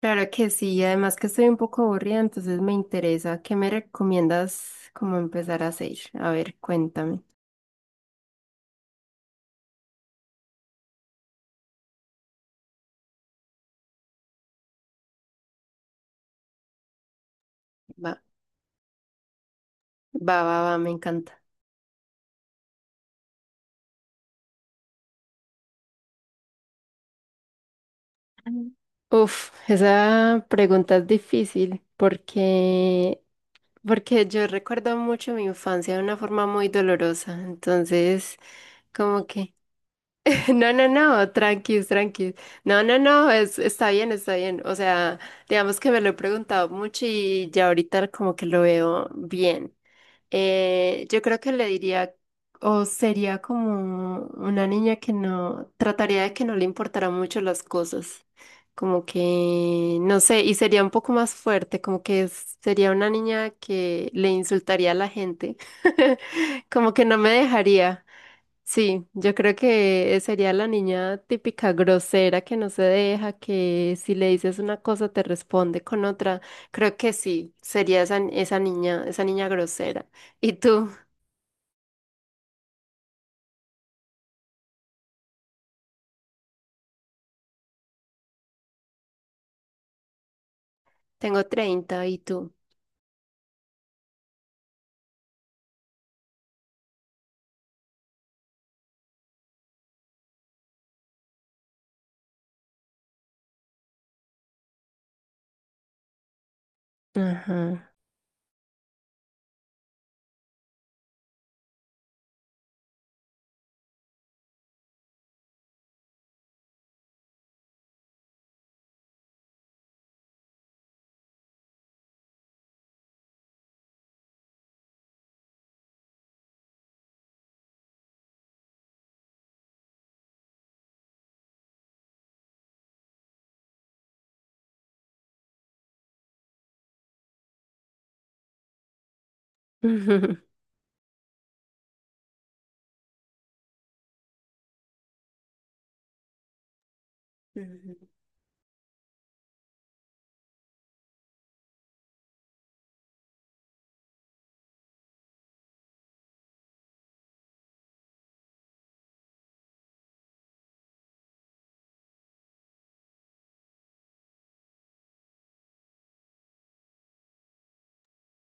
Claro que sí, además que estoy un poco aburrida, entonces me interesa. ¿Qué me recomiendas como empezar a hacer? A ver, cuéntame. Va, va, va, va, me encanta. Mm. Uf, esa pregunta es difícil porque yo recuerdo mucho mi infancia de una forma muy dolorosa. Entonces, como que... No, no, no, tranquis, tranquis. No, no, no, está bien, está bien. O sea, digamos que me lo he preguntado mucho y ya ahorita como que lo veo bien. Yo creo que le diría, o sería como una niña que no, trataría de que no le importara mucho las cosas, como que, no sé, y sería un poco más fuerte, como que sería una niña que le insultaría a la gente. Como que no me dejaría. Sí, yo creo que sería la niña típica grosera que no se deja, que si le dices una cosa te responde con otra. Creo que sí, sería esa niña, esa niña grosera. ¿Y tú? Tengo 30, ¿y tú? Ajá. Ujú.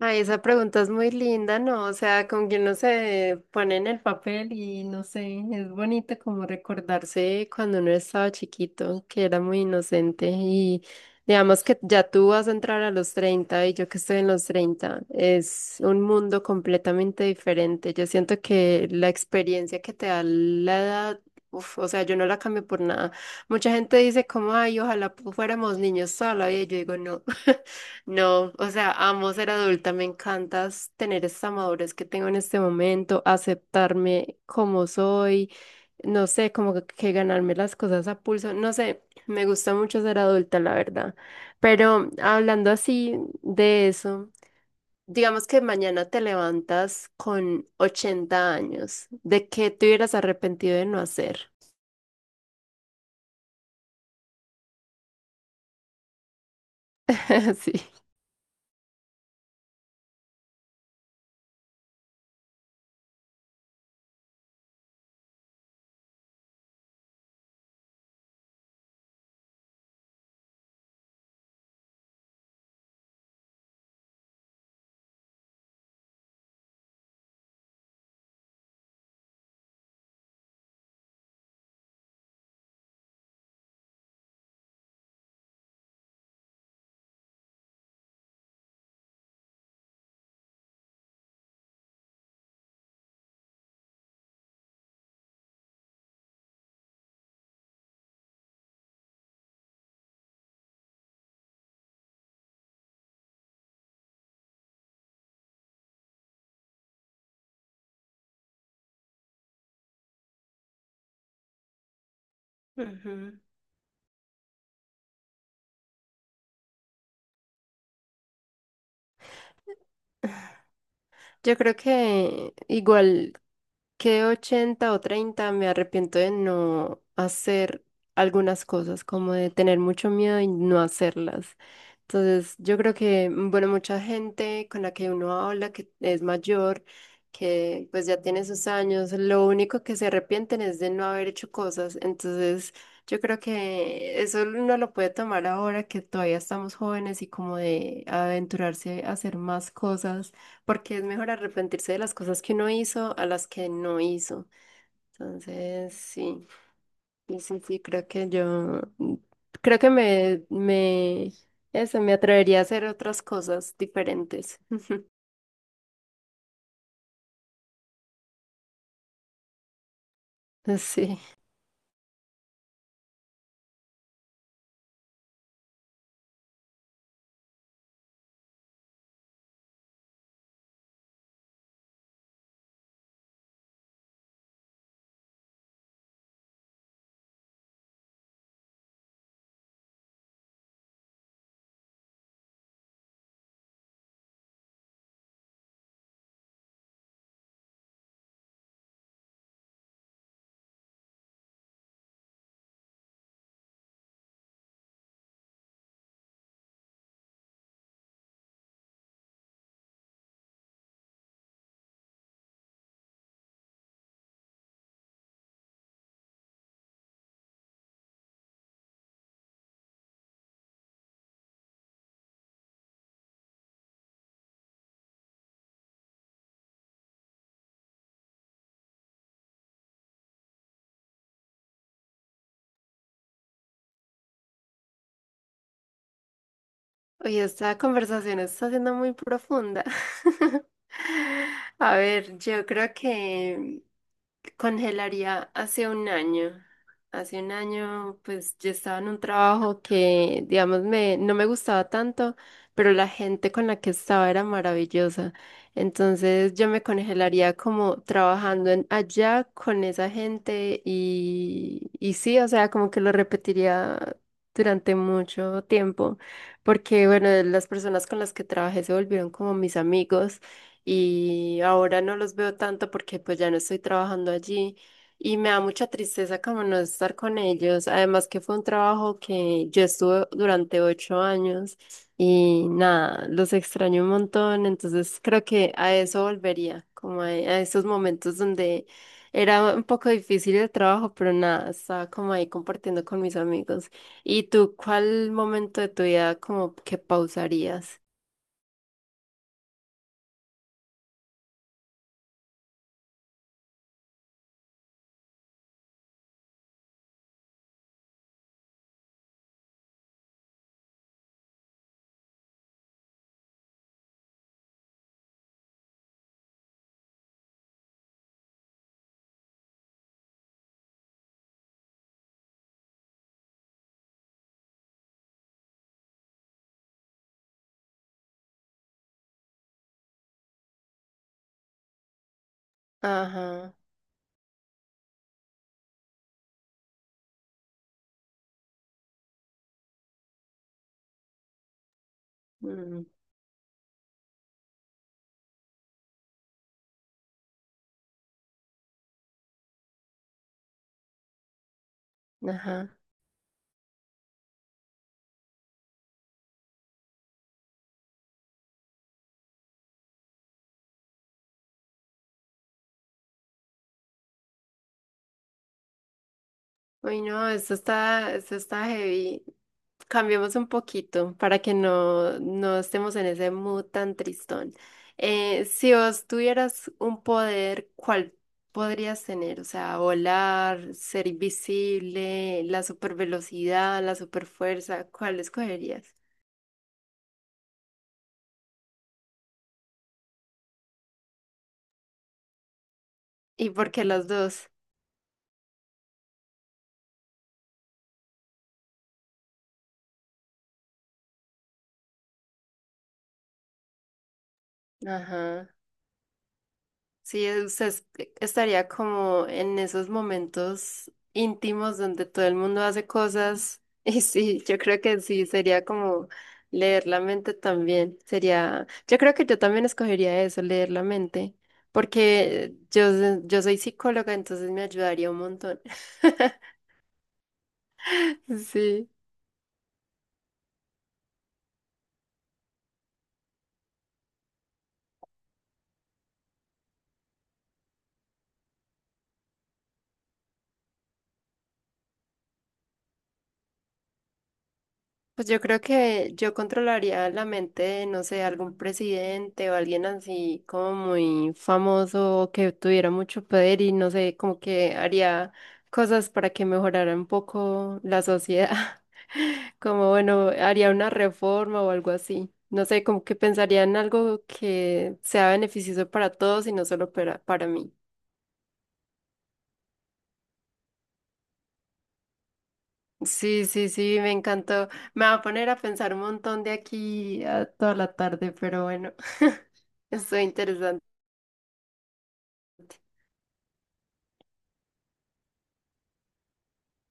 Ay, esa pregunta es muy linda, ¿no? O sea, como que uno se pone en el papel y no sé, es bonito como recordarse cuando uno estaba chiquito, que era muy inocente, y digamos que ya tú vas a entrar a los 30 y yo que estoy en los 30 es un mundo completamente diferente. Yo siento que la experiencia que te da la edad, uf, o sea, yo no la cambio por nada. Mucha gente dice como, ay, ojalá fuéramos niños sola, y yo digo, no. No, o sea, amo ser adulta, me encanta s- tener esta madurez que tengo en este momento, aceptarme como soy, no sé, como que ganarme las cosas a pulso, no sé, me gusta mucho ser adulta, la verdad. Pero hablando así de eso, digamos que mañana te levantas con 80 años, ¿de qué te hubieras arrepentido de no hacer? Sí. Ujú. Yo creo que igual, que 80 o 30 me arrepiento de no hacer algunas cosas, como de tener mucho miedo y no hacerlas. Entonces, yo creo que, bueno, mucha gente con la que uno habla, que es mayor, que pues ya tiene sus años, lo único que se arrepienten es de no haber hecho cosas. Entonces, yo creo que eso uno lo puede tomar ahora que todavía estamos jóvenes y como de aventurarse a hacer más cosas porque es mejor arrepentirse de las cosas que uno hizo a las que no hizo. Entonces, sí, sí, sí, sí, creo que me, eso, me atrevería a hacer otras cosas diferentes. Sí. Oye, esta conversación está siendo muy profunda. A ver, yo creo que congelaría hace un año. Hace un año, pues yo estaba en un trabajo que, digamos, me, no me gustaba tanto, pero la gente con la que estaba era maravillosa. Entonces yo me congelaría como trabajando allá con esa gente y sí, o sea, como que lo repetiría durante mucho tiempo porque bueno, de las personas con las que trabajé se volvieron como mis amigos y ahora no los veo tanto porque pues ya no estoy trabajando allí y me da mucha tristeza como no estar con ellos, además que fue un trabajo que yo estuve durante 8 años y nada, los extraño un montón, entonces creo que a eso volvería, como a, esos momentos donde era un poco difícil el trabajo, pero nada, estaba como ahí compartiendo con mis amigos. ¿Y tú cuál momento de tu vida como que pausarías? Ajá, mm, ajá. Uy, no, esto está heavy. Cambiemos un poquito para que no estemos en ese mood tan tristón. Si vos tuvieras un poder, ¿cuál podrías tener? O sea, volar, ser invisible, la supervelocidad, la superfuerza, ¿cuál escogerías? ¿Y por qué las dos? Ajá. Sí, usted estaría como en esos momentos íntimos donde todo el mundo hace cosas. Y sí, yo creo que sí, sería como leer la mente también. Sería, yo creo que yo también escogería eso, leer la mente, porque yo soy psicóloga, entonces me ayudaría un montón. Sí. Pues yo creo que yo controlaría la mente de, no sé, algún presidente o alguien así como muy famoso que tuviera mucho poder y no sé, como que haría cosas para que mejorara un poco la sociedad. Como bueno, haría una reforma o algo así. No sé, como que pensaría en algo que sea beneficioso para todos y no solo para mí. Sí, sí, sí, me encantó. Me va a poner a pensar un montón de aquí a toda la tarde, pero bueno, estoy interesante.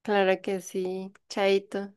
Claro que sí, chaito.